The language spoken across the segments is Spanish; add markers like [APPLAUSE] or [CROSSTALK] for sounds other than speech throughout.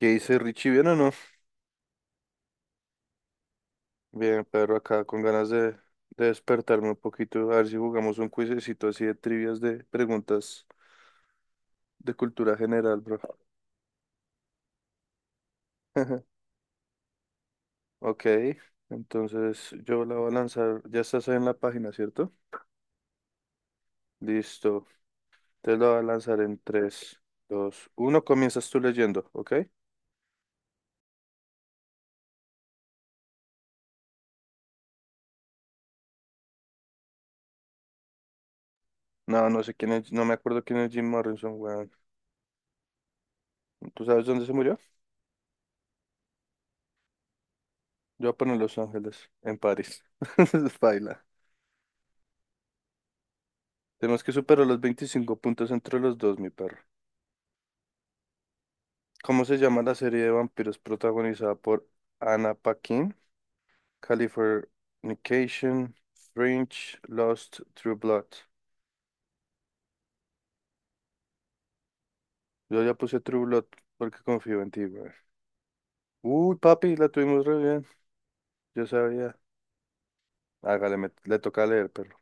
¿Qué dice Richie? ¿Bien o no? Bien, Pedro, acá con ganas de despertarme un poquito, a ver si jugamos un cuisecito así de trivias de preguntas de cultura general, bro. [LAUGHS] Ok, entonces yo la voy a lanzar, ya estás ahí en la página, ¿cierto? Listo, te la voy a lanzar en tres, dos, uno. Comienzas tú leyendo, ¿ok? No, no sé quién es, no me acuerdo quién es Jim Morrison, weón. ¿Tú sabes dónde se murió? Yo voy a poner Los Ángeles, en París. [LAUGHS] Baila. Tenemos que superar los 25 puntos entre los dos, mi perro. ¿Cómo se llama la serie de vampiros protagonizada por Anna Paquin? Californication, Fringe, Lost, True Blood. Yo ya puse True Blood porque confío en ti, güey. Uy, papi, la tuvimos re bien. Yo sabía. Hágale, le toca leer, perro.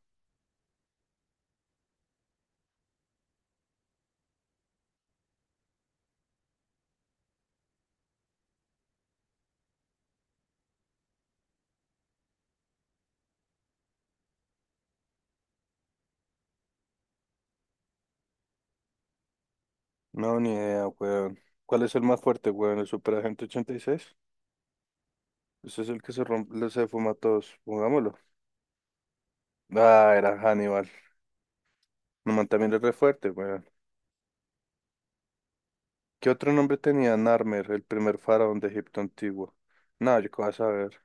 No, ni idea, weón. ¿Cuál es el más fuerte, weón? ¿El Superagente 86? Ese es el que se rompe, se fuma a todos. Pongámoslo. Ah, era Hannibal. No, man, también es re fuerte, güey. ¿Qué otro nombre tenía Narmer, el primer faraón de Egipto antiguo? No, yo qué vas a saber.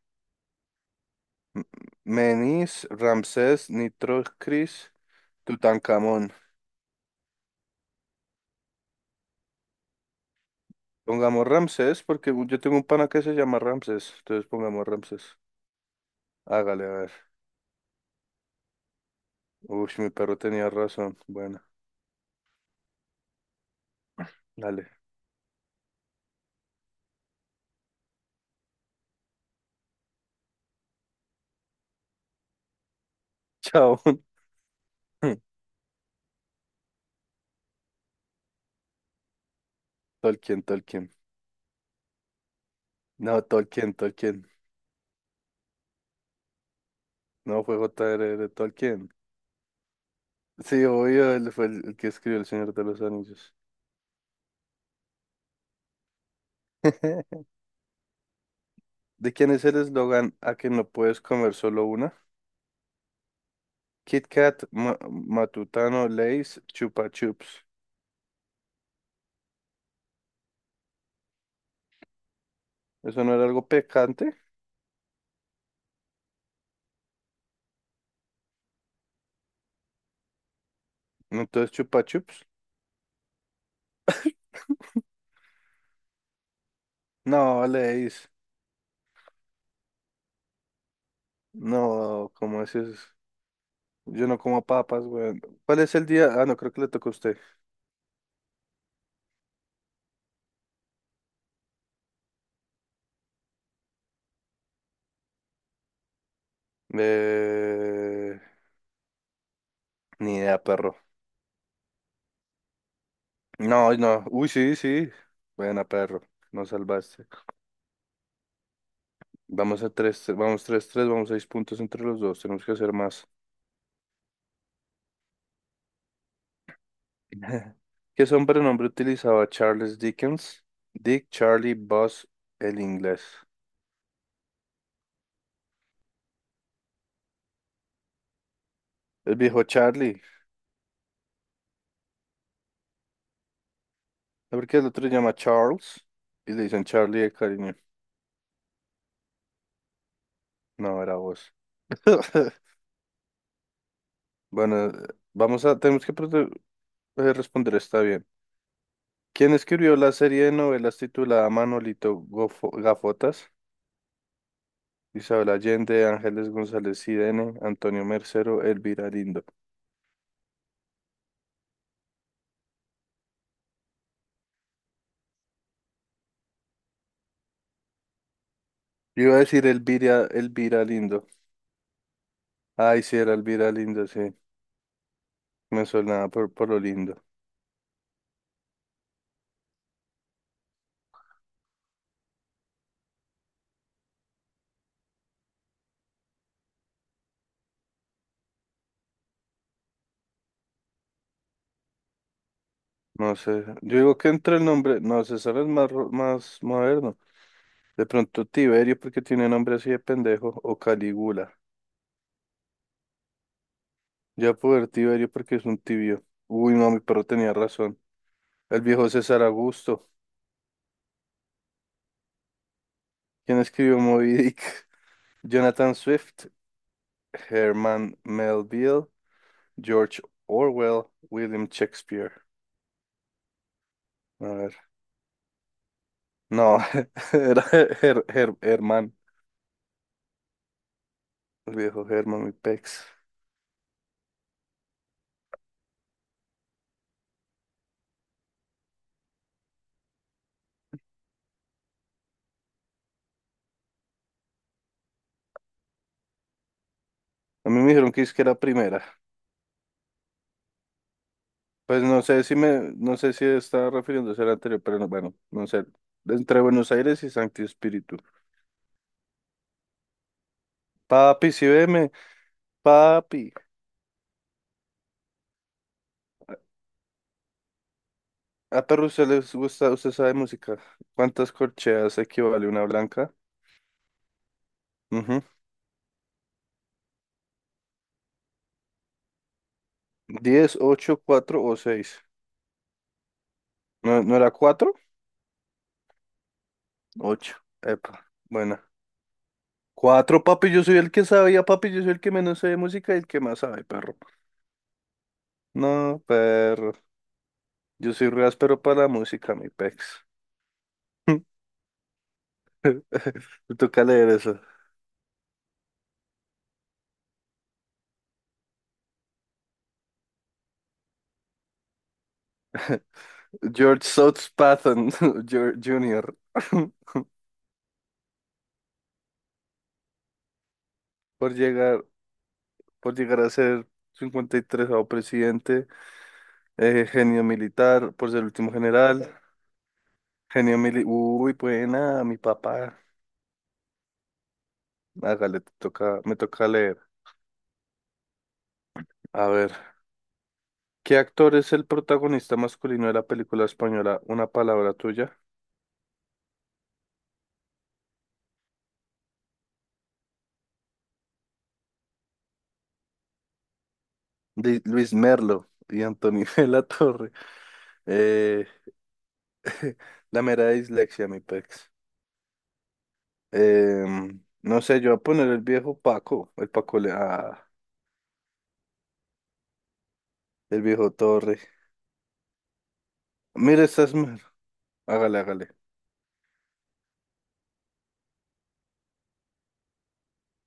M- Menis, Ramsés, Nitrocris, Tutankamón. Pongamos Ramsés porque yo tengo un pana que se llama Ramsés. Entonces pongamos Ramsés. Hágale, a ver. Uy, mi perro tenía razón. Bueno, dale. Chao. [LAUGHS] Tolkien, Tolkien. No, Tolkien, Tolkien. No fue J.R.R. Tolkien. Sí, obvio, él fue el que escribió El Señor de los Anillos. [LAUGHS] ¿De quién es el eslogan «a que no puedes comer solo una»? Kit Kat, Matutano, Lays, Chupa Chups. ¿Eso no era algo picante? Entonces, Chupa Chups. No, Lays. No, ¿cómo es eso? Yo no como papas, güey. ¿Cuál es el día? Ah, no, creo que le toca a usted. Eh... Ni idea, perro. No, no. Uy, sí, sí. Buena, perro. Nos salvaste. Vamos a 3. Vamos tres tres. Vamos 6 puntos entre los dos. Tenemos que hacer más. [LAUGHS] ¿Qué sobrenombre utilizaba Charles Dickens? Dick, Charlie, Buzz, el inglés. El viejo Charlie. ¿No? Porque el otro se llama Charles y le dicen Charlie de cariño. No, era vos. [LAUGHS] Bueno, vamos a, tenemos que prote- responder está bien. ¿Quién escribió la serie de novelas titulada Gafotas? Isabel Allende, Ángeles González Cidene, Antonio Mercero, Elvira Lindo. Yo iba a decir Elvira, Elvira Lindo. Ay, sí, era Elvira Lindo, sí. Me suena por lo lindo. No sé. Yo digo que entre el nombre. No, César es más, más moderno. De pronto Tiberio porque tiene nombre así de pendejo. O Calígula. Ya puedo ver Tiberio porque es un tibio. Uy, no, mi perro tenía razón. El viejo César Augusto. ¿Quién escribió Moby Dick? [LAUGHS] Jonathan Swift. Herman Melville. George Orwell. William Shakespeare. A ver. No, [LAUGHS] era Herman. El viejo Herman, mi pex. A mí me dijeron que es que era primera. Pues no sé no sé si estaba refiriéndose al anterior, pero no, bueno, no sé. Entre Buenos Aires y Santi Espíritu. Papi, si veme, papi. Ah, pero usted les gusta, usted sabe música. ¿Cuántas corcheas equivale una blanca? Ujú. Diez, ocho, cuatro o seis. ¿No, no era cuatro? Ocho. Epa, buena. Cuatro, papi, yo soy el que sabía, papi, yo soy el que menos sabe de música y el que más sabe, perro. No, perro. Yo soy re áspero para la música, mi pex. [LAUGHS] [LAUGHS] Me toca leer eso. George South Patton [LAUGHS] Jr., [LAUGHS] por llegar, por llegar a ser 53 presidente, genio militar, por ser el último general, genio militar. Uy, buena, mi papá. Hágale, te toca, me toca leer. A ver, ¿qué actor es el protagonista masculino de la película española Una palabra tuya? Luis Merlo y Antonio [LAUGHS] de la Torre. Eh, [LAUGHS] la mera dislexia, mi pex. No sé, yo voy a poner el viejo Paco, el Paco le ah, el viejo Torre. Mira, estás mal. Hágale, hágale.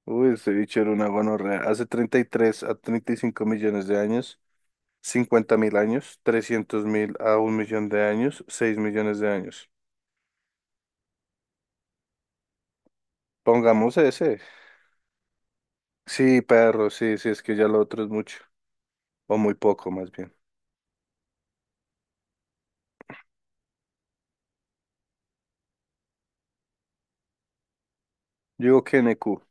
Uy, ese bicho era una gonorrea. Hace 33 a 35 millones de años, 50.000 años, 300.000 a 1.000.000 de años, 6.000.000 de años. Pongamos ese. Sí, perro, sí, sí, es que ya lo otro es mucho. O muy poco, más bien. Yo digo que N Q.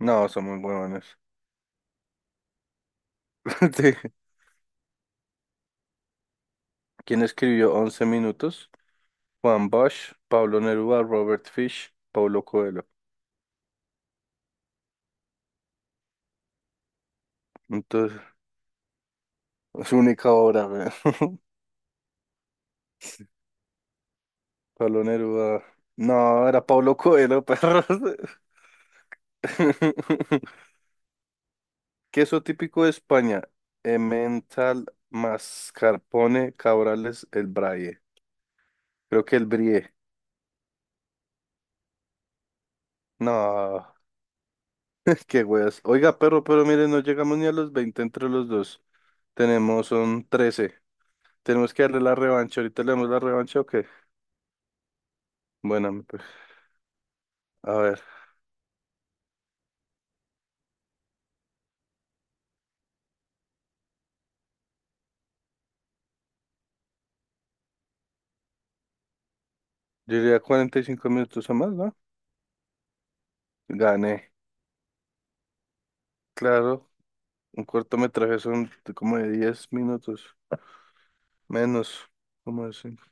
No, son muy huevones. [LAUGHS] Sí. ¿Quién escribió once minutos? Juan Bosch, Pablo Neruda, Robert Fish, Paulo Coelho. Entonces, su única obra, weón. [LAUGHS] Pablo Neruda. No, era Paulo Coelho, perros. [LAUGHS] Queso típico de España. Emmental, mascarpone, cabrales, el braille. Creo que el brie. No, [LAUGHS] qué weas. Oiga, perro, pero mire, no llegamos ni a los 20 entre los dos. Tenemos, son 13. Tenemos que darle la revancha. Ahorita le damos la revancha, ¿o qué? Bueno, pues. A ver. Yo diría 45 minutos o más, ¿no? Gané. Claro, un cortometraje son de como de 10 minutos, menos, como de cinco.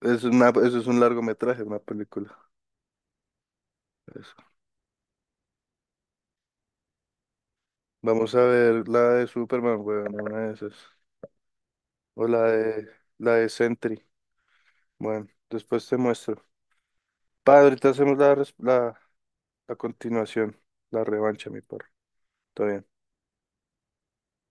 Es una, eso es un largometraje, una película. Eso. Vamos a ver la de Superman, weón, una de esas. O la de Sentry. Bueno, después te muestro. Padre, ahorita hacemos la continuación, la revancha, mi por. Todo bien.